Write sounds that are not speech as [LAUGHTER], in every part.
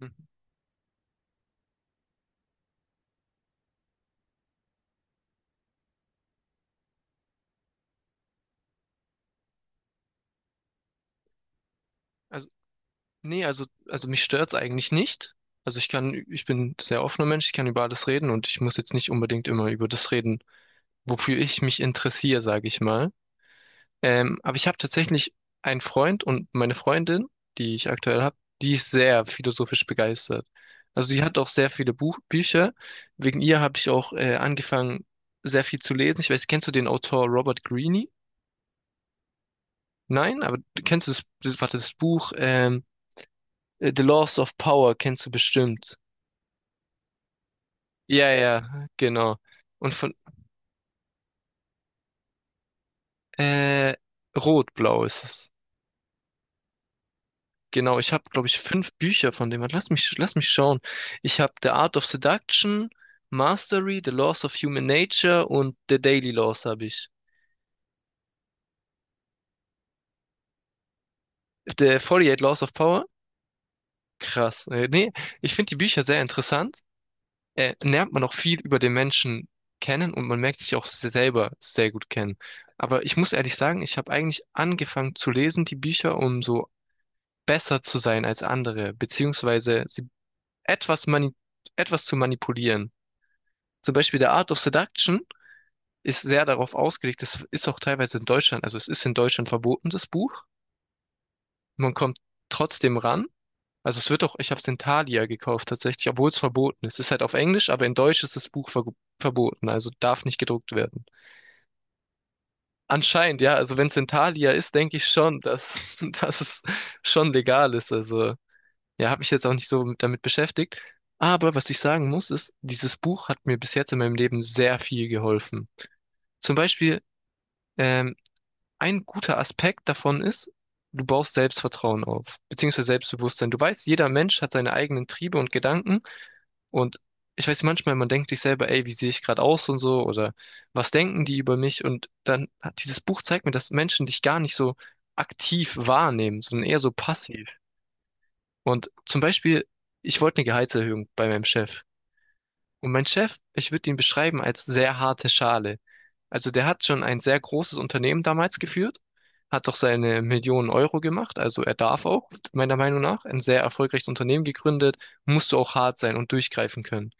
Hm. Also, nee, also mich stört's eigentlich nicht. Also ich bin ein sehr offener Mensch, ich kann über alles reden und ich muss jetzt nicht unbedingt immer über das reden, wofür ich mich interessiere, sage ich mal. Aber ich habe tatsächlich einen Freund und meine Freundin, die ich aktuell habe, die ist sehr philosophisch begeistert. Also sie hat auch sehr viele Buch Bücher. Wegen ihr habe ich auch angefangen, sehr viel zu lesen. Ich weiß, kennst du den Autor Robert Greene? Nein, aber du kennst warte, das Buch, The Laws of Power kennst du bestimmt. Ja, ja, genau. Und von, äh, Rot-Blau ist es. Genau, ich habe, glaube ich, fünf Bücher von dem. Lass mich schauen. Ich habe The Art of Seduction, Mastery, The Laws of Human Nature und The Daily Laws habe ich. The 48 Laws of Power? Krass. Nee, ich finde die Bücher sehr interessant. Lernt man auch viel über den Menschen kennen und man merkt sich auch selber sehr gut kennen. Aber ich muss ehrlich sagen, ich habe eigentlich angefangen zu lesen, die Bücher, um so besser zu sein als andere, beziehungsweise sie etwas, mani etwas zu manipulieren. Zum Beispiel der Art of Seduction ist sehr darauf ausgelegt, das ist auch teilweise in Deutschland, also es ist in Deutschland verboten, das Buch. Man kommt trotzdem ran. Also es wird doch, ich habe es in Thalia gekauft tatsächlich, obwohl es verboten ist. Es ist halt auf Englisch, aber in Deutsch ist das Buch verboten, also darf nicht gedruckt werden. Anscheinend, ja, also wenn es in Thalia ist, denke ich schon, dass, [LAUGHS] dass es schon legal ist. Also ja, habe mich jetzt auch nicht so damit beschäftigt. Aber was ich sagen muss, ist, dieses Buch hat mir bis jetzt in meinem Leben sehr viel geholfen. Zum Beispiel, ähm, ein guter Aspekt davon ist, du baust Selbstvertrauen auf, beziehungsweise Selbstbewusstsein. Du weißt, jeder Mensch hat seine eigenen Triebe und Gedanken. Und ich weiß manchmal, man denkt sich selber, ey, wie sehe ich gerade aus und so, oder was denken die über mich? Und dann hat dieses Buch zeigt mir, dass Menschen dich gar nicht so aktiv wahrnehmen, sondern eher so passiv. Und zum Beispiel, ich wollte eine Gehaltserhöhung bei meinem Chef. Und mein Chef, ich würde ihn beschreiben als sehr harte Schale. Also der hat schon ein sehr großes Unternehmen damals geführt, hat doch seine Millionen Euro gemacht, also er darf auch, meiner Meinung nach, ein sehr erfolgreiches Unternehmen gegründet, musst du auch hart sein und durchgreifen können.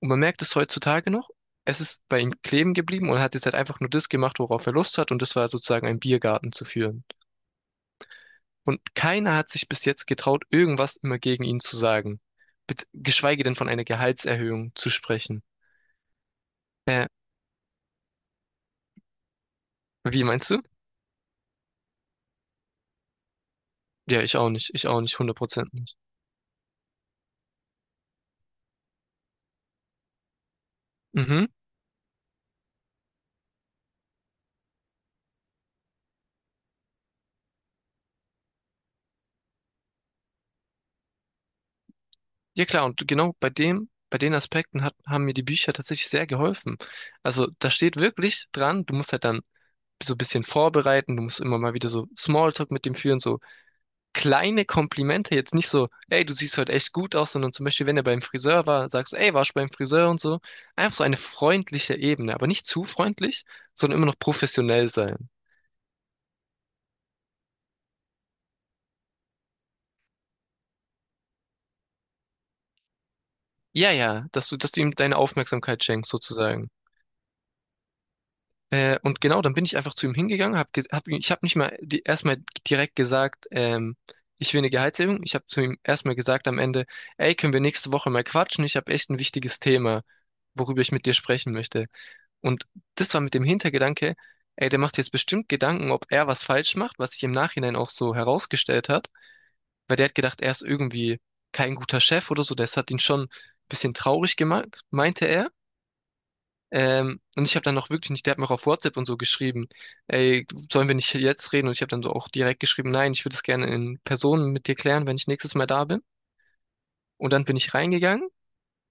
Und man merkt es heutzutage noch, es ist bei ihm kleben geblieben und er hat jetzt halt einfach nur das gemacht, worauf er Lust hat, und das war sozusagen einen Biergarten zu führen. Und keiner hat sich bis jetzt getraut, irgendwas immer gegen ihn zu sagen. Geschweige denn von einer Gehaltserhöhung zu sprechen. Äh, wie meinst du? Ja, ich auch nicht. Ich auch nicht, 100% nicht. Mhm. Ja klar, und genau bei dem, bei den Aspekten hat, haben mir die Bücher tatsächlich sehr geholfen. Also da steht wirklich dran, du musst halt dann so ein bisschen vorbereiten, du musst immer mal wieder so Smalltalk mit dem führen, so kleine Komplimente, jetzt nicht so, ey, du siehst heute echt gut aus, sondern zum Beispiel, wenn er beim Friseur war, sagst du, ey, warst du beim Friseur und so. Einfach so eine freundliche Ebene, aber nicht zu freundlich, sondern immer noch professionell sein. Ja, ja, dass du ihm deine Aufmerksamkeit schenkst, sozusagen. Und genau, dann bin ich einfach zu ihm hingegangen, ich habe nicht mal erstmal direkt gesagt, ich will eine Gehaltserhöhung. Ich habe zu ihm erstmal gesagt am Ende, ey, können wir nächste Woche mal quatschen? Ich habe echt ein wichtiges Thema, worüber ich mit dir sprechen möchte. Und das war mit dem Hintergedanke, ey, der macht jetzt bestimmt Gedanken, ob er was falsch macht, was sich im Nachhinein auch so herausgestellt hat, weil der hat gedacht, er ist irgendwie kein guter Chef oder so, das hat ihn schon ein bisschen traurig gemacht, meinte er. Und ich habe dann noch wirklich nicht, der hat mir auch auf WhatsApp und so geschrieben, ey, sollen wir nicht jetzt reden? Und ich habe dann so auch direkt geschrieben, nein, ich würde es gerne in Person mit dir klären, wenn ich nächstes Mal da bin. Und dann bin ich reingegangen,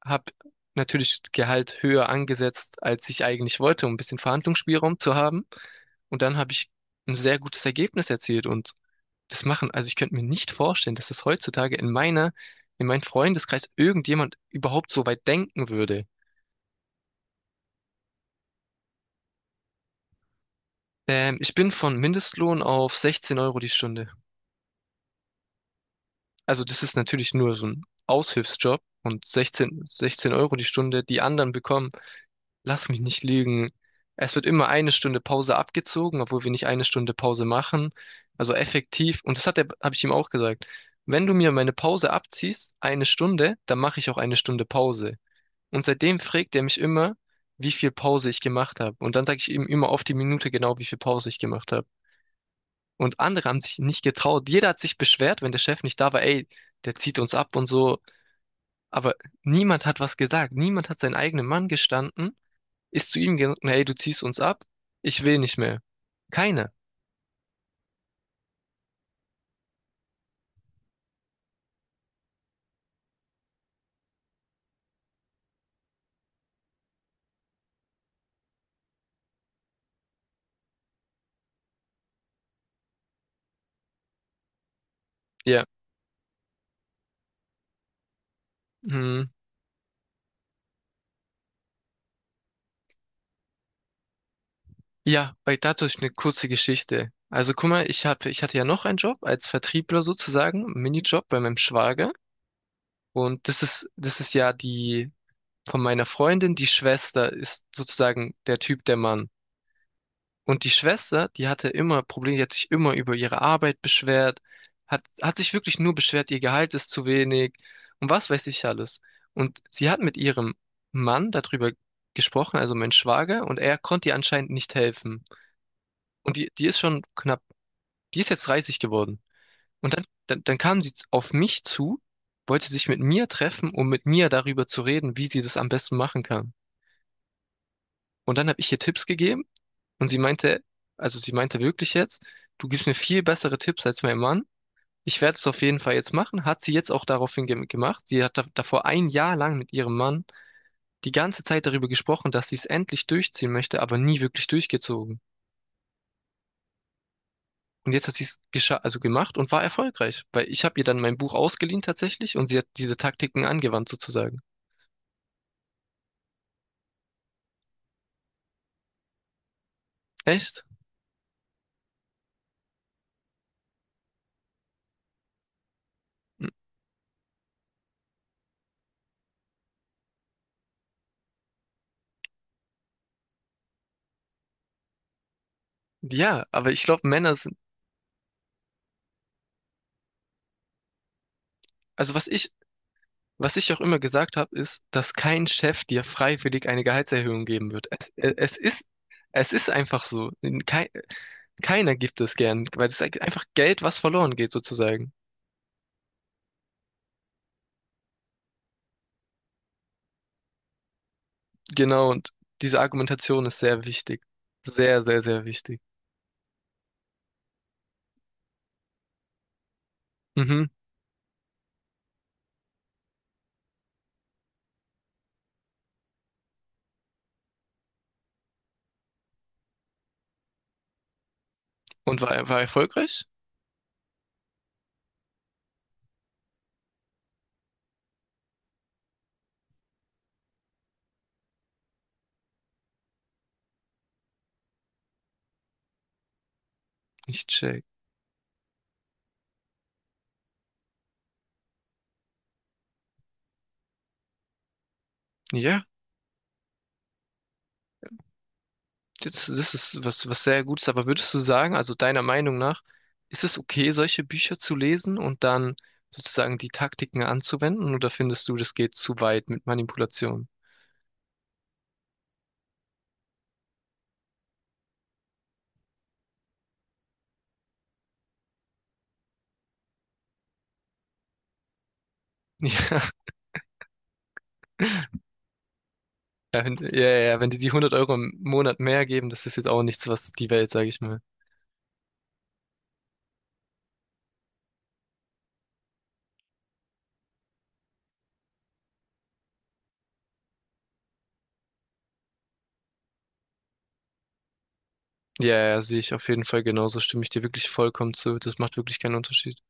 habe natürlich Gehalt höher angesetzt, als ich eigentlich wollte, um ein bisschen Verhandlungsspielraum zu haben. Und dann habe ich ein sehr gutes Ergebnis erzielt, und das machen, also ich könnte mir nicht vorstellen, dass es heutzutage in meiner, in meinem Freundeskreis irgendjemand überhaupt so weit denken würde. Ich bin von Mindestlohn auf 16 Euro die Stunde. Also das ist natürlich nur so ein Aushilfsjob, und 16 Euro die Stunde, die anderen bekommen. Lass mich nicht lügen. Es wird immer eine Stunde Pause abgezogen, obwohl wir nicht eine Stunde Pause machen. Also effektiv. Und das hat er, habe ich ihm auch gesagt. Wenn du mir meine Pause abziehst, eine Stunde, dann mache ich auch eine Stunde Pause. Und seitdem fragt er mich immer, wie viel Pause ich gemacht habe. Und dann sage ich ihm immer auf die Minute genau, wie viel Pause ich gemacht habe. Und andere haben sich nicht getraut. Jeder hat sich beschwert, wenn der Chef nicht da war, ey, der zieht uns ab und so. Aber niemand hat was gesagt. Niemand hat seinen eigenen Mann gestanden, ist zu ihm gegangen, hey, du ziehst uns ab, ich will nicht mehr. Keine. Ja. Hm. Ja, bei dazu ist eine kurze Geschichte. Also guck mal, ich hatte ja noch einen Job als Vertriebler sozusagen, Minijob bei meinem Schwager. Und das ist ja die von meiner Freundin, die Schwester ist sozusagen der Typ, der Mann. Und die Schwester, die hatte immer Probleme, die hat sich immer über ihre Arbeit beschwert, hat sich wirklich nur beschwert, ihr Gehalt ist zu wenig und was weiß ich alles. Und sie hat mit ihrem Mann darüber gesprochen, also mein Schwager, und er konnte ihr anscheinend nicht helfen. Und die ist schon knapp, die ist jetzt 30 geworden. Und dann kam sie auf mich zu, wollte sich mit mir treffen, um mit mir darüber zu reden, wie sie das am besten machen kann. Und dann habe ich ihr Tipps gegeben. Und sie meinte, also sie meinte wirklich jetzt, du gibst mir viel bessere Tipps als mein Mann. Ich werde es auf jeden Fall jetzt machen. Hat sie jetzt auch daraufhin ge gemacht. Sie hat da davor ein Jahr lang mit ihrem Mann die ganze Zeit darüber gesprochen, dass sie es endlich durchziehen möchte, aber nie wirklich durchgezogen. Und jetzt hat sie es gescha also gemacht und war erfolgreich, weil ich habe ihr dann mein Buch ausgeliehen tatsächlich, und sie hat diese Taktiken angewandt sozusagen. Echt? Ja, aber ich glaube, Männer sind. Also was ich Was ich auch immer gesagt habe, ist, dass kein Chef dir freiwillig eine Gehaltserhöhung geben wird. Es ist einfach so. Kei, keiner gibt es gern, weil es ist einfach Geld, was verloren geht, sozusagen. Genau, und diese Argumentation ist sehr wichtig. Sehr, sehr, sehr wichtig. Mhm. Und war erfolgreich? Ich check. Ja. Das ist was, was sehr Gutes, aber würdest du sagen, also deiner Meinung nach, ist es okay, solche Bücher zu lesen und dann sozusagen die Taktiken anzuwenden, oder findest du, das geht zu weit mit Manipulation? [LAUGHS] Ja, ja, ja, ja, ja, wenn die die 100 Euro im Monat mehr geben, das ist jetzt auch nichts, was die Welt, sage ich mal. Ja, ja, sehe ich auf jeden Fall genauso, stimme ich dir wirklich vollkommen zu. Das macht wirklich keinen Unterschied.